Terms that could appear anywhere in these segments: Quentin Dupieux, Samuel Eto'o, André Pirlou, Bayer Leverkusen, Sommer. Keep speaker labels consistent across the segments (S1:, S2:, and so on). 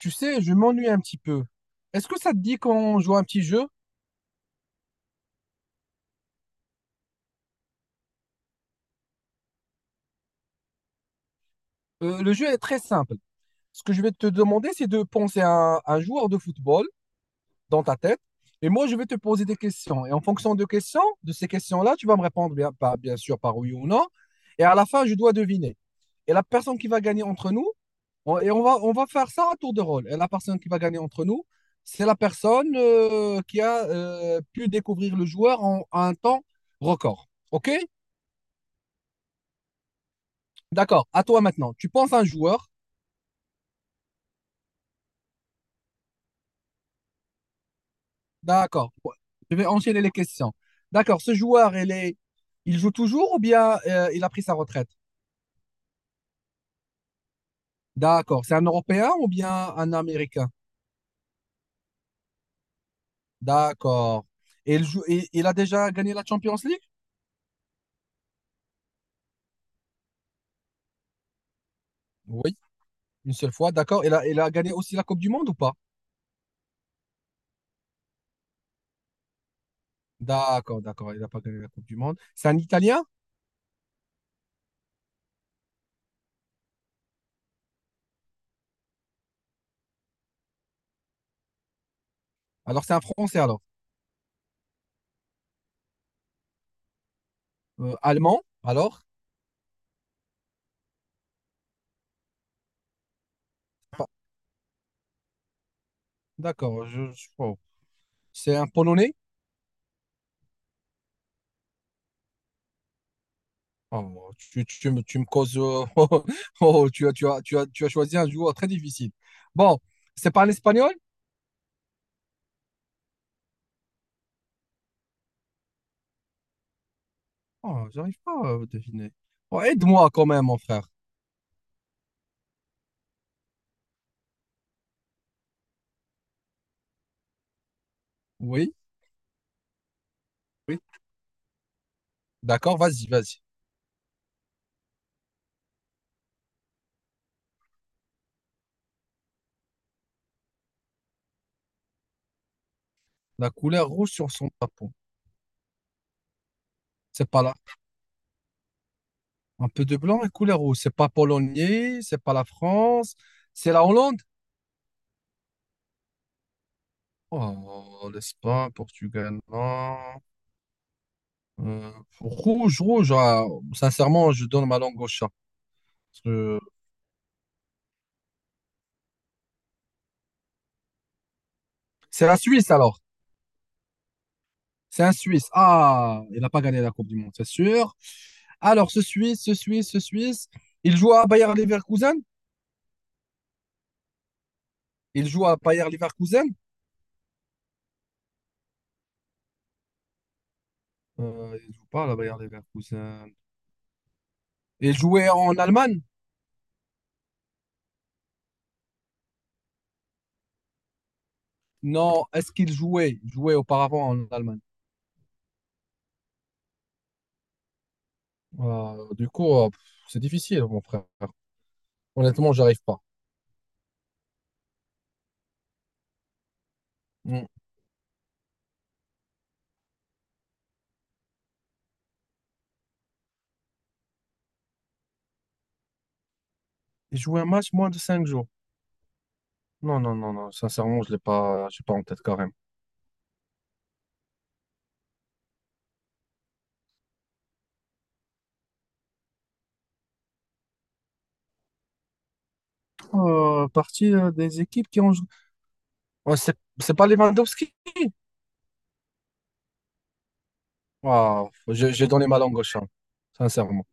S1: Tu sais, je m'ennuie un petit peu. Est-ce que ça te dit qu'on joue à un petit jeu? Le jeu est très simple. Ce que je vais te demander, c'est de penser à un joueur de football dans ta tête. Et moi, je vais te poser des questions. Et en fonction de questions, de ces questions-là, tu vas me répondre bien, bien sûr par oui ou non. Et à la fin, je dois deviner. Et la personne qui va gagner entre nous, et on va faire ça à tour de rôle. Et la personne qui va gagner entre nous, c'est la personne qui a pu découvrir le joueur en un temps record. OK? D'accord, à toi maintenant. Tu penses à un joueur. D'accord. Ouais. Je vais enchaîner les questions. D'accord, ce joueur, il est... il joue toujours ou bien il a pris sa retraite? D'accord. C'est un Européen ou bien un Américain? D'accord. Et il joue... il a déjà gagné la Champions League? Oui, une seule fois. D'accord. Il a gagné aussi la Coupe du Monde ou pas? D'accord, d'accord. Il n'a pas gagné la Coupe du Monde. C'est un Italien? Alors, c'est un Français alors. Allemand? Alors? Pas- D'accord. Je... oh. C'est un Polonais? Oh, tu me causes. Oh, oh, tu as choisi un joueur très difficile. Bon, c'est pas l'espagnol? Oh, j'arrive pas à deviner. Oh, aide-moi quand même, mon frère. Oui. Oui. D'accord, vas-y, vas-y. La couleur rouge sur son tapon. C'est pas là. Un peu de blanc et couleur rouge. C'est pas polonais, c'est pas la France, c'est la Hollande. Oh, l'Espagne, Portugal, non. Euh, rouge, rouge. Ah, sincèrement, je donne ma langue au chat. Parce que- C'est la Suisse alors. C'est un Suisse. Ah, il n'a pas gagné la Coupe du Monde, c'est sûr. Alors, ce Suisse, il joue à Bayer Leverkusen. Il joue à Bayer Leverkusen. Il joue pas à la Bayer Leverkusen. Il jouait en Allemagne? Non, est-ce qu'il jouait? Il jouait auparavant en Allemagne. Du coup, c'est difficile, mon frère. Honnêtement, j'arrive pas. Mm. Il jouait un match moins de 5 jours. Non, non, non, non. Sincèrement, je l'ai pas, j'ai pas en tête quand même. Partie des équipes qui ont joué. Ouais, c'est pas Lewandowski? Waouh, j'ai donné ma langue au chat, sincèrement.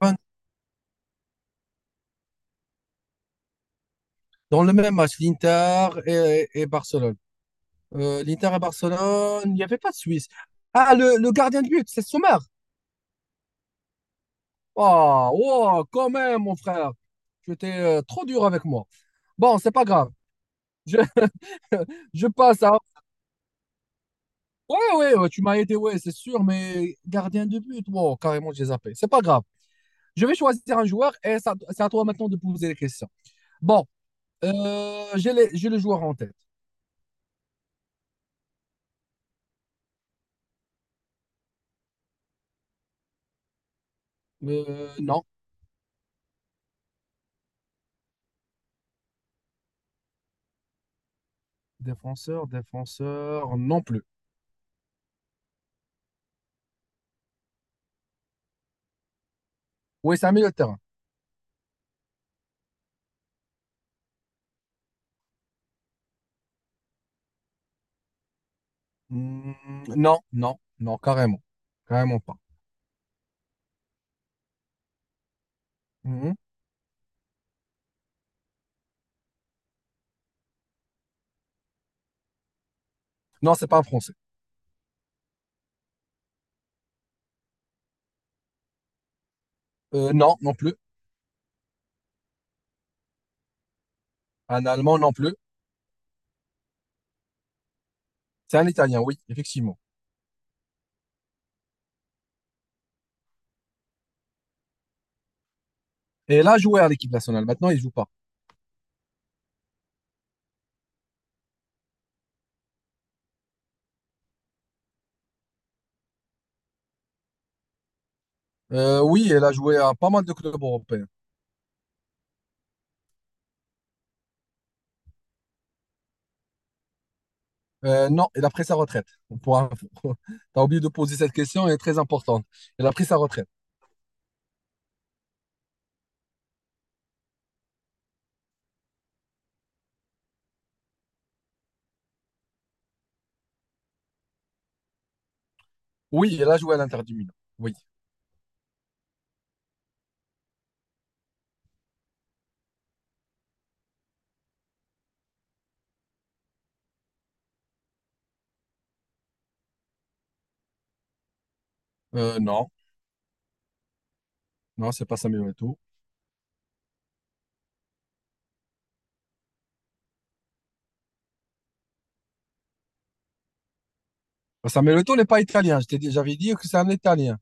S1: Ben, dans le même match, l'Inter et Barcelone. l'Inter et Barcelone, il n'y avait pas de Suisse. Ah, le gardien de but, c'est Sommer. Oh, oh, quand même, mon frère. Tu étais trop dur avec moi. Bon, c'est pas grave. Je, je passe à. Ouais, ouais, ouais, tu m'as aidé, ouais, c'est sûr, mais gardien de but, wow, carrément, j'ai zappé. C'est pas grave. Je vais choisir un joueur et c'est à toi maintenant de poser les questions. Bon, j'ai le joueur en tête. Non. Défenseur, défenseur, non plus. Oui, c'est un milieu de terrain. Hmm, non, non, non, carrément. Carrément pas. Mhm. Non, c'est pas un Français. Non, non plus. Un Allemand, non plus. C'est un Italien, oui, effectivement. Et il a joué à l'équipe nationale. Maintenant, il joue pas. Oui, il a joué à pas mal de clubs européens. Non, il a pris sa retraite. Pour info. T'as oublié de poser cette question, elle est très importante. Il a pris sa retraite. Oui, il a joué à l'Inter du Milan. Oui. Euh, non, non, c'est pas Samuel Eto'o. Sameloto n'est pas italien. J'avais dit que c'est un italien.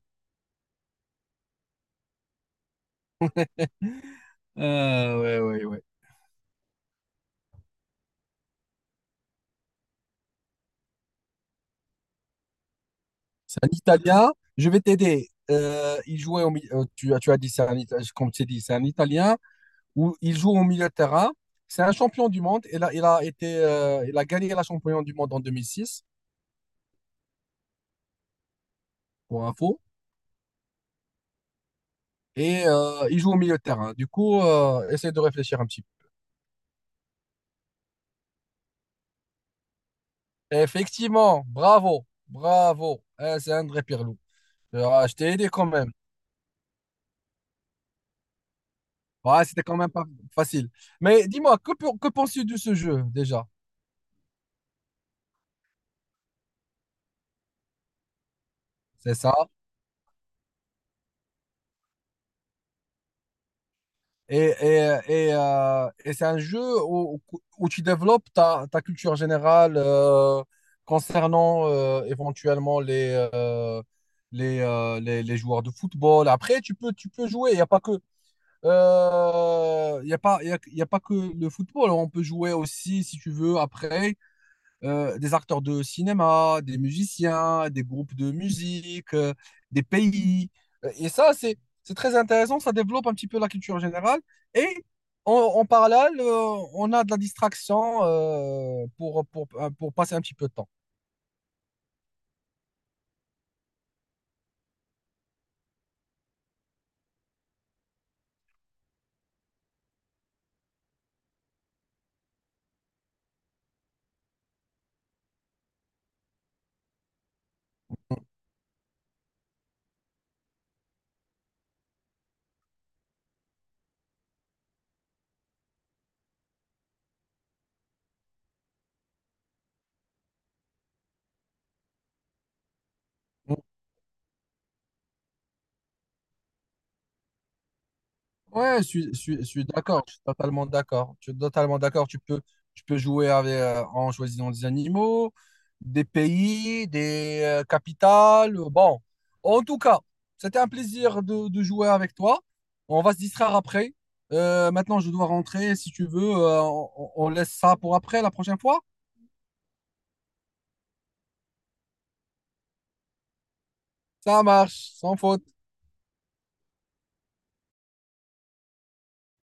S1: Ah, ouais, ouais, ouais. C'est un italien. Je vais t'aider. Il jouait au milieu. Tu as dit, c'est un italien. Comme tu as dit, c'est un italien. Où il joue au milieu de terrain. C'est un champion du monde. Il a été, il a gagné la champion du monde en 2006, pour info. Et il joue au milieu de terrain. Du coup, essaie de réfléchir un petit peu. Effectivement, bravo, bravo. Eh, c'est André Pirlou. Ah, je t'ai aidé quand même. Ouais, c'était quand même pas facile. Mais dis-moi, que penses-tu de ce jeu déjà? C'est ça. Et, et, et c'est un jeu où, où tu développes ta culture générale concernant éventuellement les joueurs de football. Après, tu peux jouer. Il n'y a pas que, il y a pas, il y a pas que le football. On peut jouer aussi, si tu veux, après. Des acteurs de cinéma, des musiciens, des groupes de musique, des pays. Et ça, c'est très intéressant, ça développe un petit peu la culture générale. Et en parallèle, on a de la distraction pour passer un petit peu de temps. Ouais, je suis d'accord, je suis totalement d'accord. Je suis totalement d'accord. Tu peux jouer avec, en choisissant des animaux, des pays, des capitales. Bon, en tout cas, c'était un plaisir de jouer avec toi. On va se distraire après. Maintenant, je dois rentrer. Si tu veux, on laisse ça pour après, la prochaine fois. Ça marche, sans faute.